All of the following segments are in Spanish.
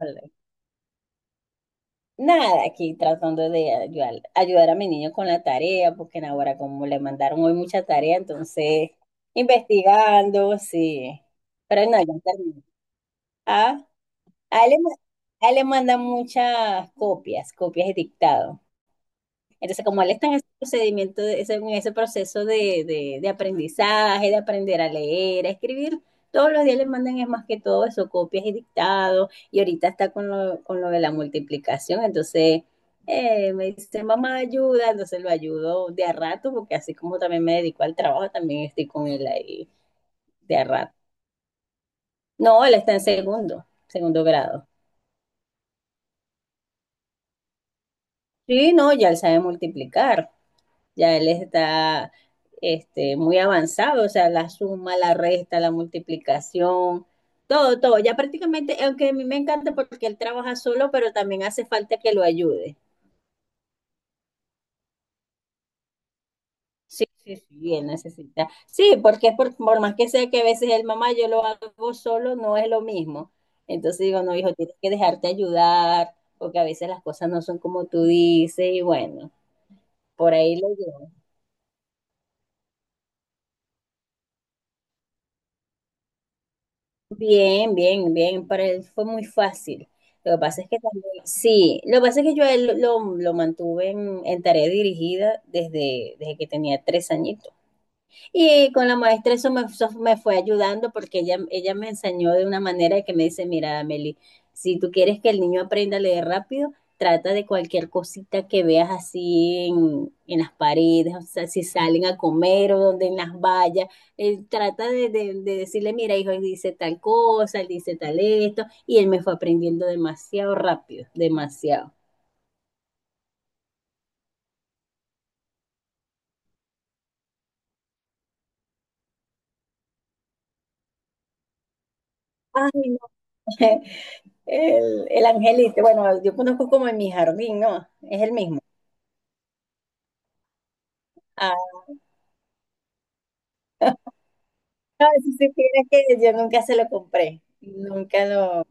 Vale. Nada, aquí tratando de ayudar a mi niño con la tarea, porque en ahora como le mandaron hoy mucha tarea, entonces investigando, sí. Pero no, ya terminé. Ah, a él, le ma- a él le mandan muchas copias, copias de dictado. Entonces, como él está en ese proceso de aprendizaje, de aprender a leer, a escribir, todos los días le mandan es más que todo eso, copias y dictados, y ahorita está con lo de la multiplicación, entonces me dice, mamá, ayuda, entonces lo ayudo de a rato, porque así como también me dedico al trabajo, también estoy con él ahí de a rato. No, él está en segundo grado. Sí, no, ya él sabe multiplicar. Ya él está muy avanzado, o sea, la suma, la resta, la multiplicación, todo, todo. Ya prácticamente, aunque a mí me encanta porque él trabaja solo, pero también hace falta que lo ayude. Sí, sí, sí, sí, él necesita. Sí, porque es por más que sea que a veces el mamá yo lo hago solo, no es lo mismo. Entonces digo, no, hijo, tienes que dejarte ayudar, porque a veces las cosas no son como tú dices, y bueno, por ahí lo llevo. Bien, bien, bien. Para él fue muy fácil. Lo que pasa es que también, sí, lo que pasa es que yo a él lo mantuve en tarea dirigida desde que tenía 3 años. Y con la maestra eso me fue ayudando porque ella me enseñó de una manera que me dice, mira, Meli, si tú quieres que el niño aprenda a leer rápido, trata de cualquier cosita que veas así en las paredes, o sea, si salen a comer o donde en las vallas, trata de decirle, mira, hijo, él dice tal cosa, él dice tal esto, y él me fue aprendiendo demasiado rápido, demasiado. Ay, no. El angelito, bueno, yo conozco como en mi jardín, ¿no? Es el mismo. No, si supieras que yo nunca se lo compré,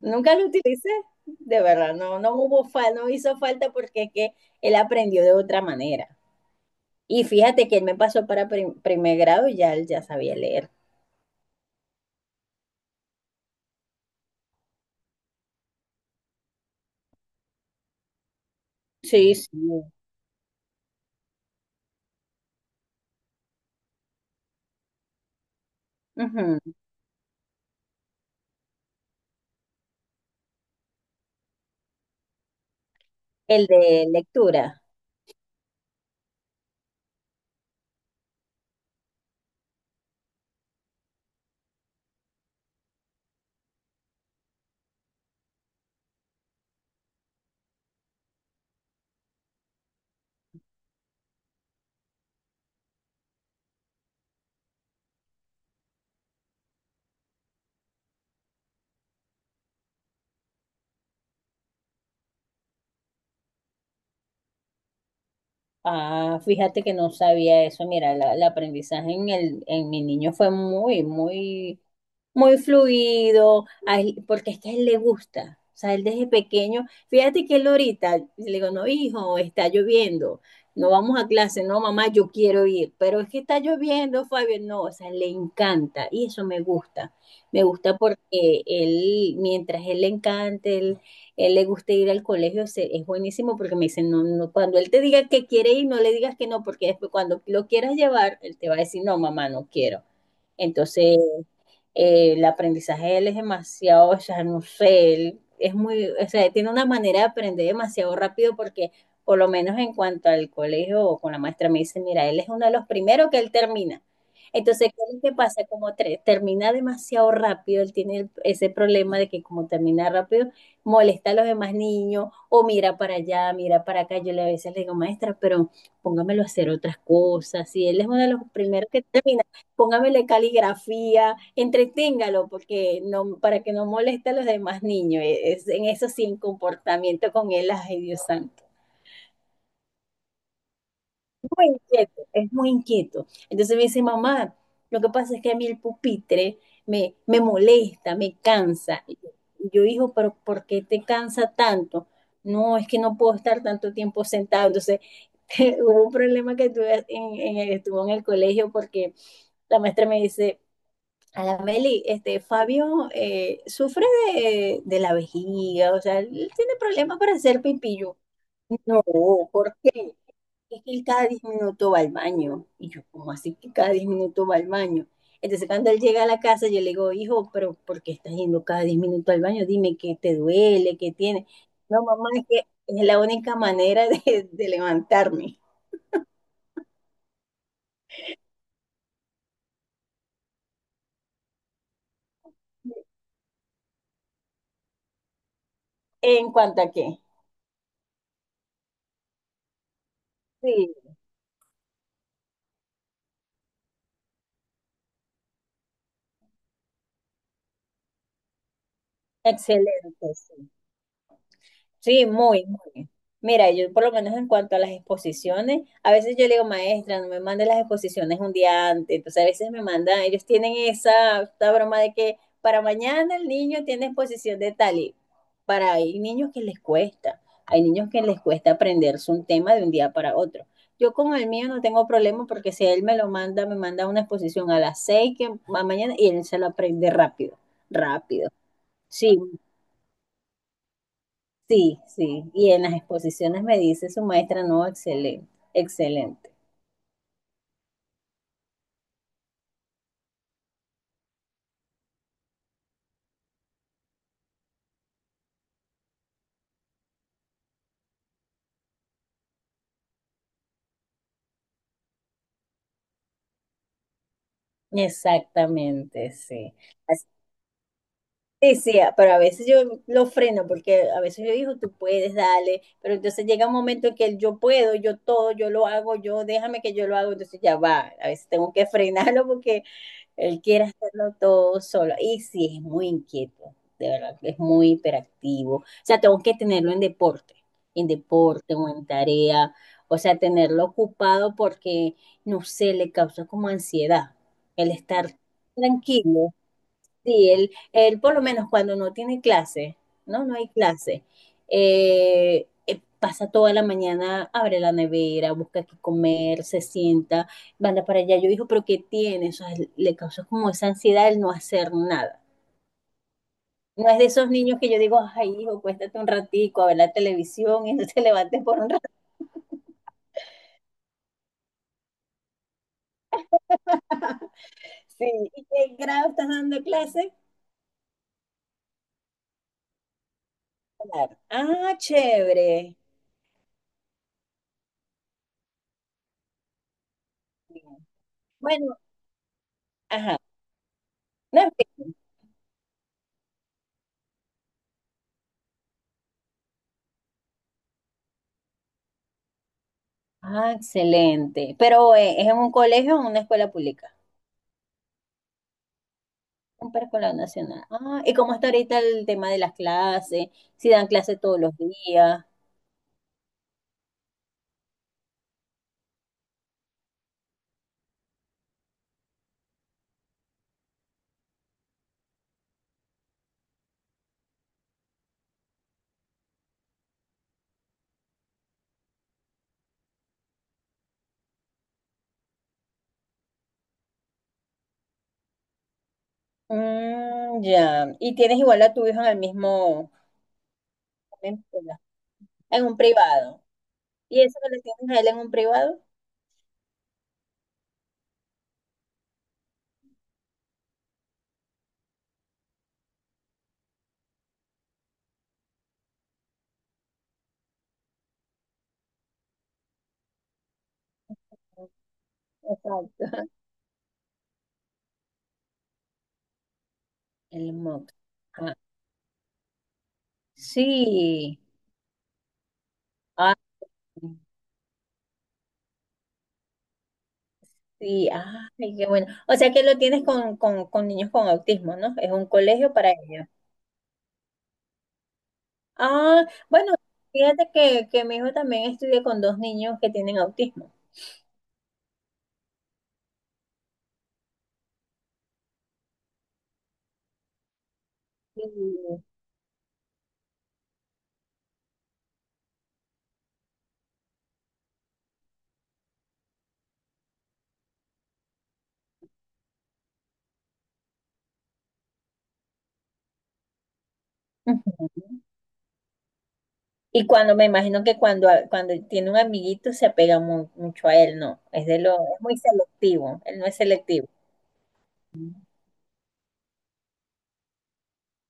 nunca lo utilicé, de verdad, no, no hizo falta porque es que él aprendió de otra manera. Y fíjate que él me pasó para primer grado y ya él ya sabía leer. Sí, sí. Ujú. El de lectura. Ah, fíjate que no sabía eso. Mira, el aprendizaje en el, en mi niño fue muy, muy, muy fluido, porque es que a él le gusta. O sea, él desde pequeño, fíjate que él ahorita, le digo, no, hijo, está lloviendo, no vamos a clase, no, mamá, yo quiero ir, pero es que está lloviendo, Fabio, no, o sea, le encanta y eso me gusta. Me gusta porque él, mientras él le encante, él le guste ir al colegio, es buenísimo porque me dicen no, no, cuando él te diga que quiere ir, no le digas que no, porque después cuando lo quieras llevar, él te va a decir, no, mamá, no quiero. Entonces el aprendizaje de él es demasiado, o sea, no sé, él es muy, o sea, tiene una manera de aprender demasiado rápido porque por lo menos en cuanto al colegio o con la maestra me dice, mira, él es uno de los primeros que él termina. Entonces, ¿qué es lo que pasa? Como termina demasiado rápido, él tiene ese problema de que como termina rápido, molesta a los demás niños o mira para allá, mira para acá. Yo le a veces le digo, maestra, pero póngamelo a hacer otras cosas. Y él es uno de los primeros que termina, póngamele caligrafía, entreténgalo porque no, para que no moleste a los demás niños. Es, en eso sí, en comportamiento con él, ay Dios santo. Muy inquieto, es muy inquieto. Entonces me dice, mamá, lo que pasa es que a mí el pupitre me molesta, me cansa. Y yo, hijo, pero ¿por qué te cansa tanto? No, es que no puedo estar tanto tiempo sentado. Entonces, hubo un problema que tuve estuvo en el colegio porque la maestra me dice, Meli, Fabio sufre de la vejiga, o sea, él tiene problemas para hacer pipillo. No, ¿por qué? Es que él cada 10 minutos va al baño. Y yo, ¿cómo así que cada 10 minutos va al baño? Entonces, cuando él llega a la casa, yo le digo, hijo, pero ¿por qué estás yendo cada 10 minutos al baño? Dime qué te duele, qué tiene. No, mamá, es que es la única manera de levantarme. ¿En cuanto a qué? Sí, excelente. Sí. Sí, muy, muy. Mira, yo por lo menos en cuanto a las exposiciones, a veces yo le digo, maestra, no me mande las exposiciones un día antes. Entonces a veces me mandan, ellos tienen esa, esta broma de que para mañana el niño tiene exposición de tal y para hay niños que les cuesta, hay niños que les cuesta aprenderse un tema de un día para otro. Yo con el mío no tengo problema porque si él me lo manda, me manda una exposición a las 6 mañana y él se lo aprende rápido, rápido. Sí, sí, sí. Y en las exposiciones me dice su maestra, no, excelente, excelente. Exactamente, sí. Así- Sí, sí, pero a veces yo lo freno porque a veces yo digo, tú puedes, dale, pero entonces llega un momento en que el yo puedo, yo todo, yo lo hago, yo déjame que yo lo hago, entonces ya va, a veces tengo que frenarlo porque él quiere hacerlo todo solo. Y sí, es muy inquieto, de verdad, es muy hiperactivo. O sea, tengo que tenerlo en deporte o en tarea. O sea, tenerlo ocupado porque, no sé, le causa como ansiedad el estar tranquilo. Sí, él por lo menos cuando no tiene clase, ¿no? No hay clase. Pasa toda la mañana, abre la nevera, busca qué comer, se sienta, manda para allá. Yo digo, pero ¿qué tiene? O sea, le causa como esa ansiedad el no hacer nada. No es de esos niños que yo digo, ay, hijo, cuéstate un ratico a ver la televisión y no te levantes por un rato. Sí, ¿y qué grado estás dando clase? Claro. Ah, chévere. Bueno, ajá. No, en fin. Ah, excelente. Pero ¿es en un colegio o en una escuela pública? Un preescolar nacional. Ah, ¿y cómo está ahorita el tema de las clases? Si dan clases todos los días. Mm, ya. Y tienes igual a tu hijo en el mismo, en un privado. ¿Y eso que le tienes a él en un privado? Exacto. El MOOC. Ah, sí. Ah, sí. Ay, qué bueno. O sea que lo tienes con, con niños con autismo, ¿no? Es un colegio para ellos. Ah, bueno, fíjate que mi hijo también estudia con dos niños que tienen autismo. Y, ujú. Y cuando me imagino que cuando, cuando tiene un amiguito se apega mucho a él, no. Es es muy selectivo, él no es selectivo.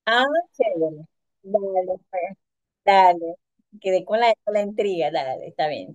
Ah, chévere. Dale, pues, dale. Quedé con con la intriga, dale, está bien.